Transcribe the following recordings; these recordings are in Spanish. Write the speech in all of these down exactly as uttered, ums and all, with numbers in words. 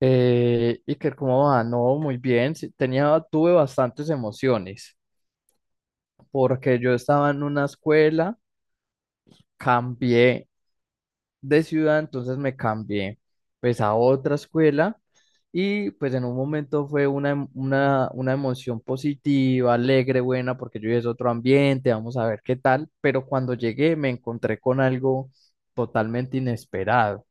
Eh, Iker, ¿cómo va? No, muy bien. Sí, Tenía, tuve bastantes emociones porque yo estaba en una escuela, cambié de ciudad, entonces me cambié pues a otra escuela, y pues en un momento fue una, em- una, una emoción positiva, alegre, buena, porque yo ya es otro ambiente, vamos a ver qué tal, pero cuando llegué me encontré con algo totalmente inesperado.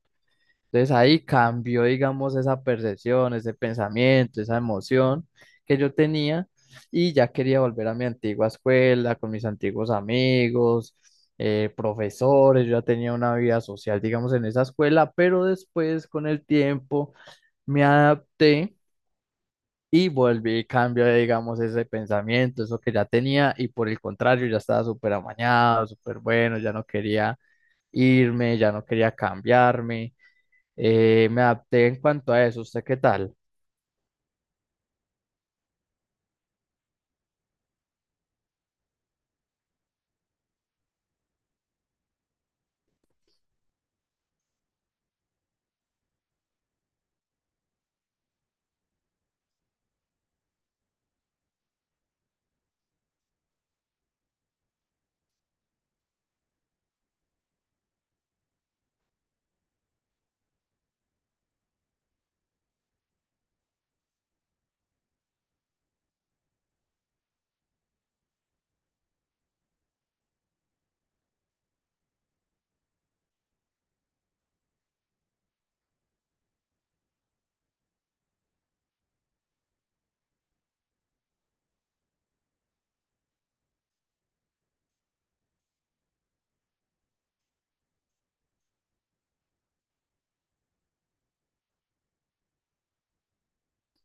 Entonces ahí cambió, digamos, esa percepción, ese pensamiento, esa emoción que yo tenía y ya quería volver a mi antigua escuela con mis antiguos amigos, eh, profesores. Yo ya tenía una vida social, digamos, en esa escuela, pero después con el tiempo me adapté y volví y cambié, digamos, ese pensamiento, eso que ya tenía, y por el contrario ya estaba súper amañado, súper bueno, ya no quería irme, ya no quería cambiarme. Eh, me adapté en cuanto a eso. ¿Usted qué tal?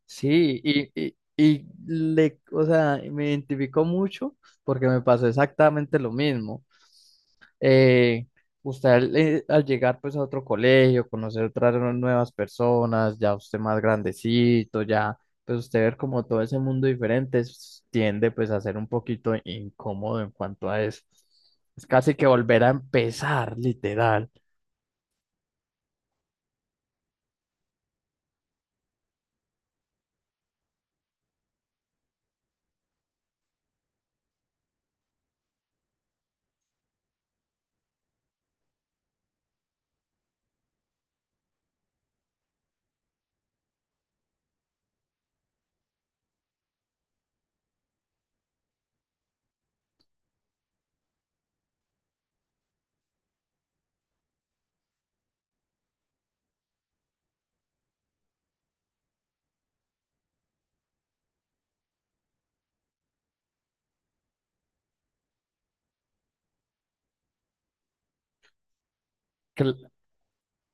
Sí, y, y, y le, o sea, me identificó mucho porque me pasó exactamente lo mismo. Eh, usted al, eh, al llegar pues a otro colegio, conocer otras nu- nuevas personas, ya usted más grandecito, ya pues usted ver como todo ese mundo diferente es- tiende pues a ser un poquito incómodo en cuanto a eso. Es casi que volver a empezar, literal.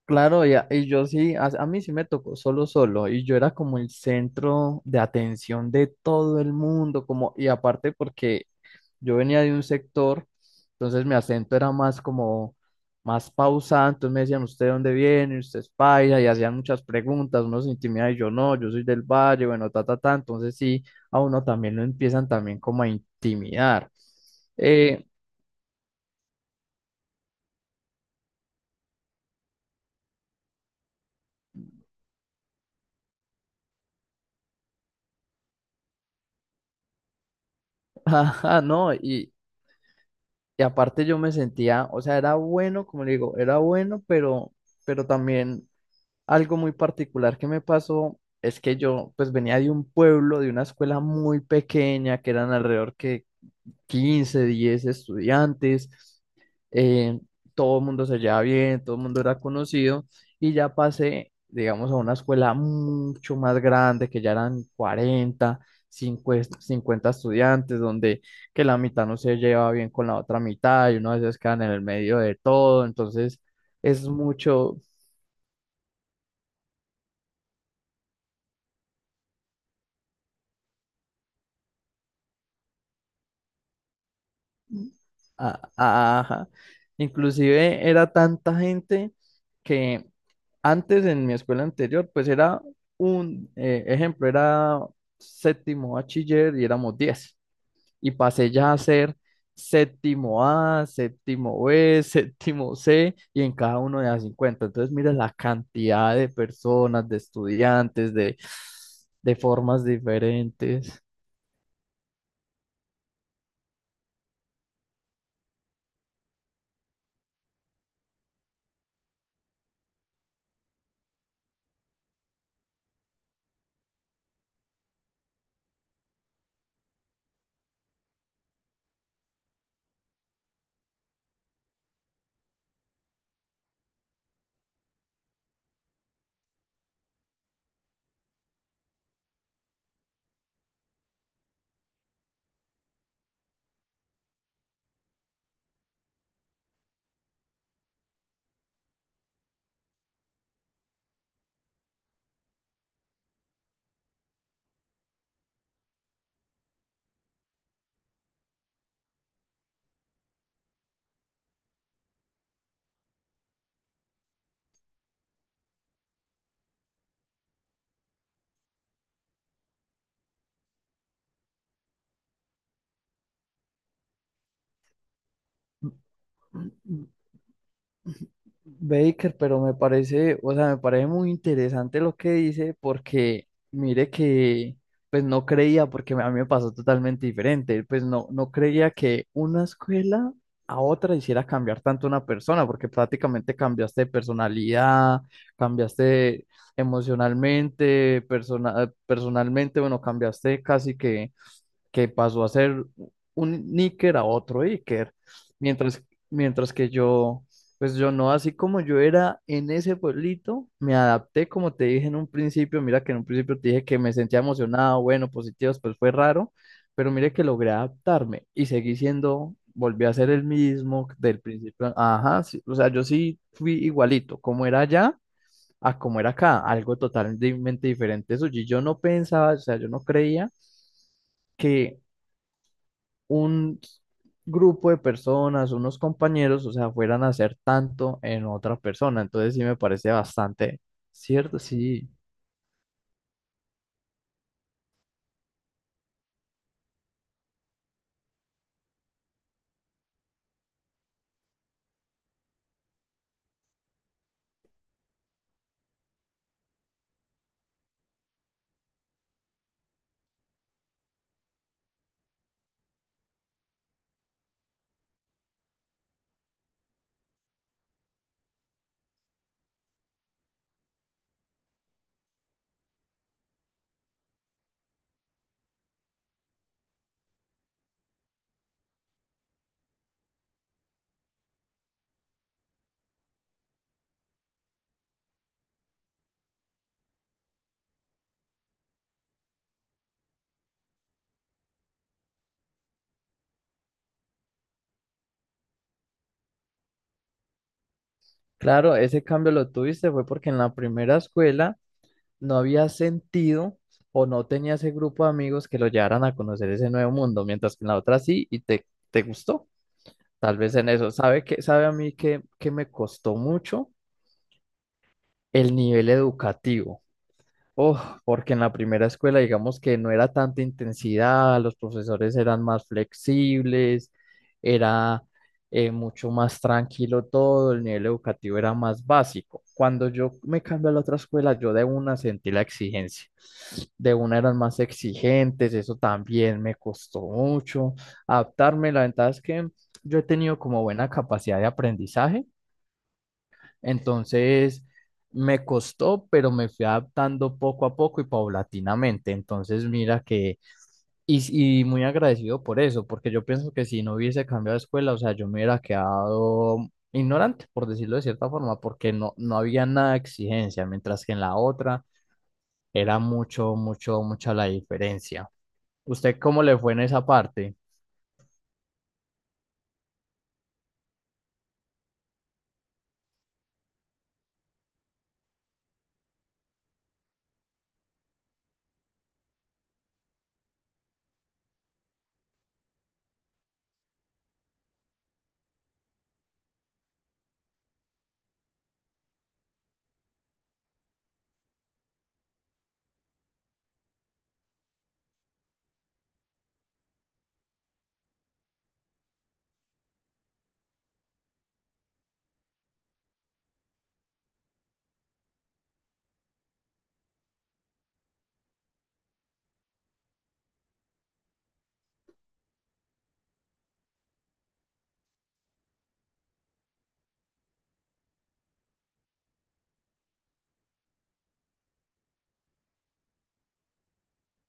Claro, y, a- y yo sí, a, a mí sí me tocó solo solo, y yo era como el centro de atención de todo el mundo, como, y aparte porque yo venía de un sector, entonces mi acento era más como, más pausado. Entonces me decían, ¿usted de dónde viene? ¿Usted es paisa? Y hacían muchas preguntas, uno se intimida y yo no, yo soy del valle, bueno, ta, ta, ta, entonces sí, a uno también lo empiezan también como a intimidar. Eh, ajá, no, y, Y aparte yo me sentía, o sea, era bueno, como le digo, era bueno, pero, pero también algo muy particular que me pasó es que yo pues venía de un pueblo, de una escuela muy pequeña, que eran alrededor que quince diez estudiantes. eh, Todo el mundo se llevaba bien, todo el mundo era conocido, y ya pasé, digamos, a una escuela mucho más grande, que ya eran cuarenta cincuenta cincuenta estudiantes, donde que la mitad no se lleva bien con la otra mitad y uno a veces quedan en el medio de todo. Entonces es mucho, a- a- ajá. Inclusive era tanta gente que antes en mi escuela anterior, pues era un eh, ejemplo, era séptimo bachiller y éramos diez. Y pasé ya a ser séptimo A, séptimo B, séptimo C, y en cada uno de las cincuenta. Entonces, mira la cantidad de personas, de estudiantes, de, de formas diferentes. Baker, pero me parece, o sea, me parece muy interesante lo que dice, porque mire que pues no creía, porque a mí me pasó totalmente diferente. Pues no, no creía que una escuela a otra hiciera cambiar tanto una persona, porque prácticamente cambiaste de personalidad, cambiaste emocionalmente, persona, personalmente, bueno, cambiaste casi que que pasó a ser un níquer a otro níquer, mientras, mientras que yo, pues yo no. Así como yo era en ese pueblito, me adapté, como te dije en un principio, mira que en un principio te dije que me sentía emocionado, bueno, positivo, pues fue raro, pero mire que logré adaptarme y seguí siendo, volví a ser el mismo del principio, ajá, sí, o sea, yo sí fui igualito, como era allá a como era acá, algo totalmente diferente. Eso, y yo no pensaba, o sea, yo no creía que un grupo de personas, unos compañeros, o sea, fueran a hacer tanto en otra persona. Entonces sí me parece bastante cierto, sí. Claro, ese cambio lo tuviste fue porque en la primera escuela no había sentido o no tenía ese grupo de amigos que lo llevaran a conocer ese nuevo mundo, mientras que en la otra sí, y te, te gustó. Tal vez en eso. ¿Sabe que, sabe a mí que, que me costó mucho el nivel educativo? Oh, porque en la primera escuela, digamos que no era tanta intensidad, los profesores eran más flexibles, era eh, mucho más tranquilo todo, el nivel educativo era más básico. Cuando yo me cambié a la otra escuela, yo de una sentí la exigencia. De una eran más exigentes, eso también me costó mucho adaptarme. La ventaja es que yo he tenido como buena capacidad de aprendizaje, entonces me costó, pero me fui adaptando poco a poco y paulatinamente. Entonces, mira que, y, y muy agradecido por eso, porque yo pienso que si no hubiese cambiado de escuela, o sea, yo me hubiera quedado ignorante, por decirlo de cierta forma, porque no, no había nada de exigencia, mientras que en la otra era mucho, mucho, mucha la diferencia. ¿Usted cómo le fue en esa parte?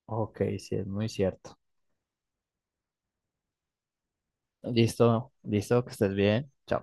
Ok, sí, es muy cierto. Listo, listo, que estés bien. Chao.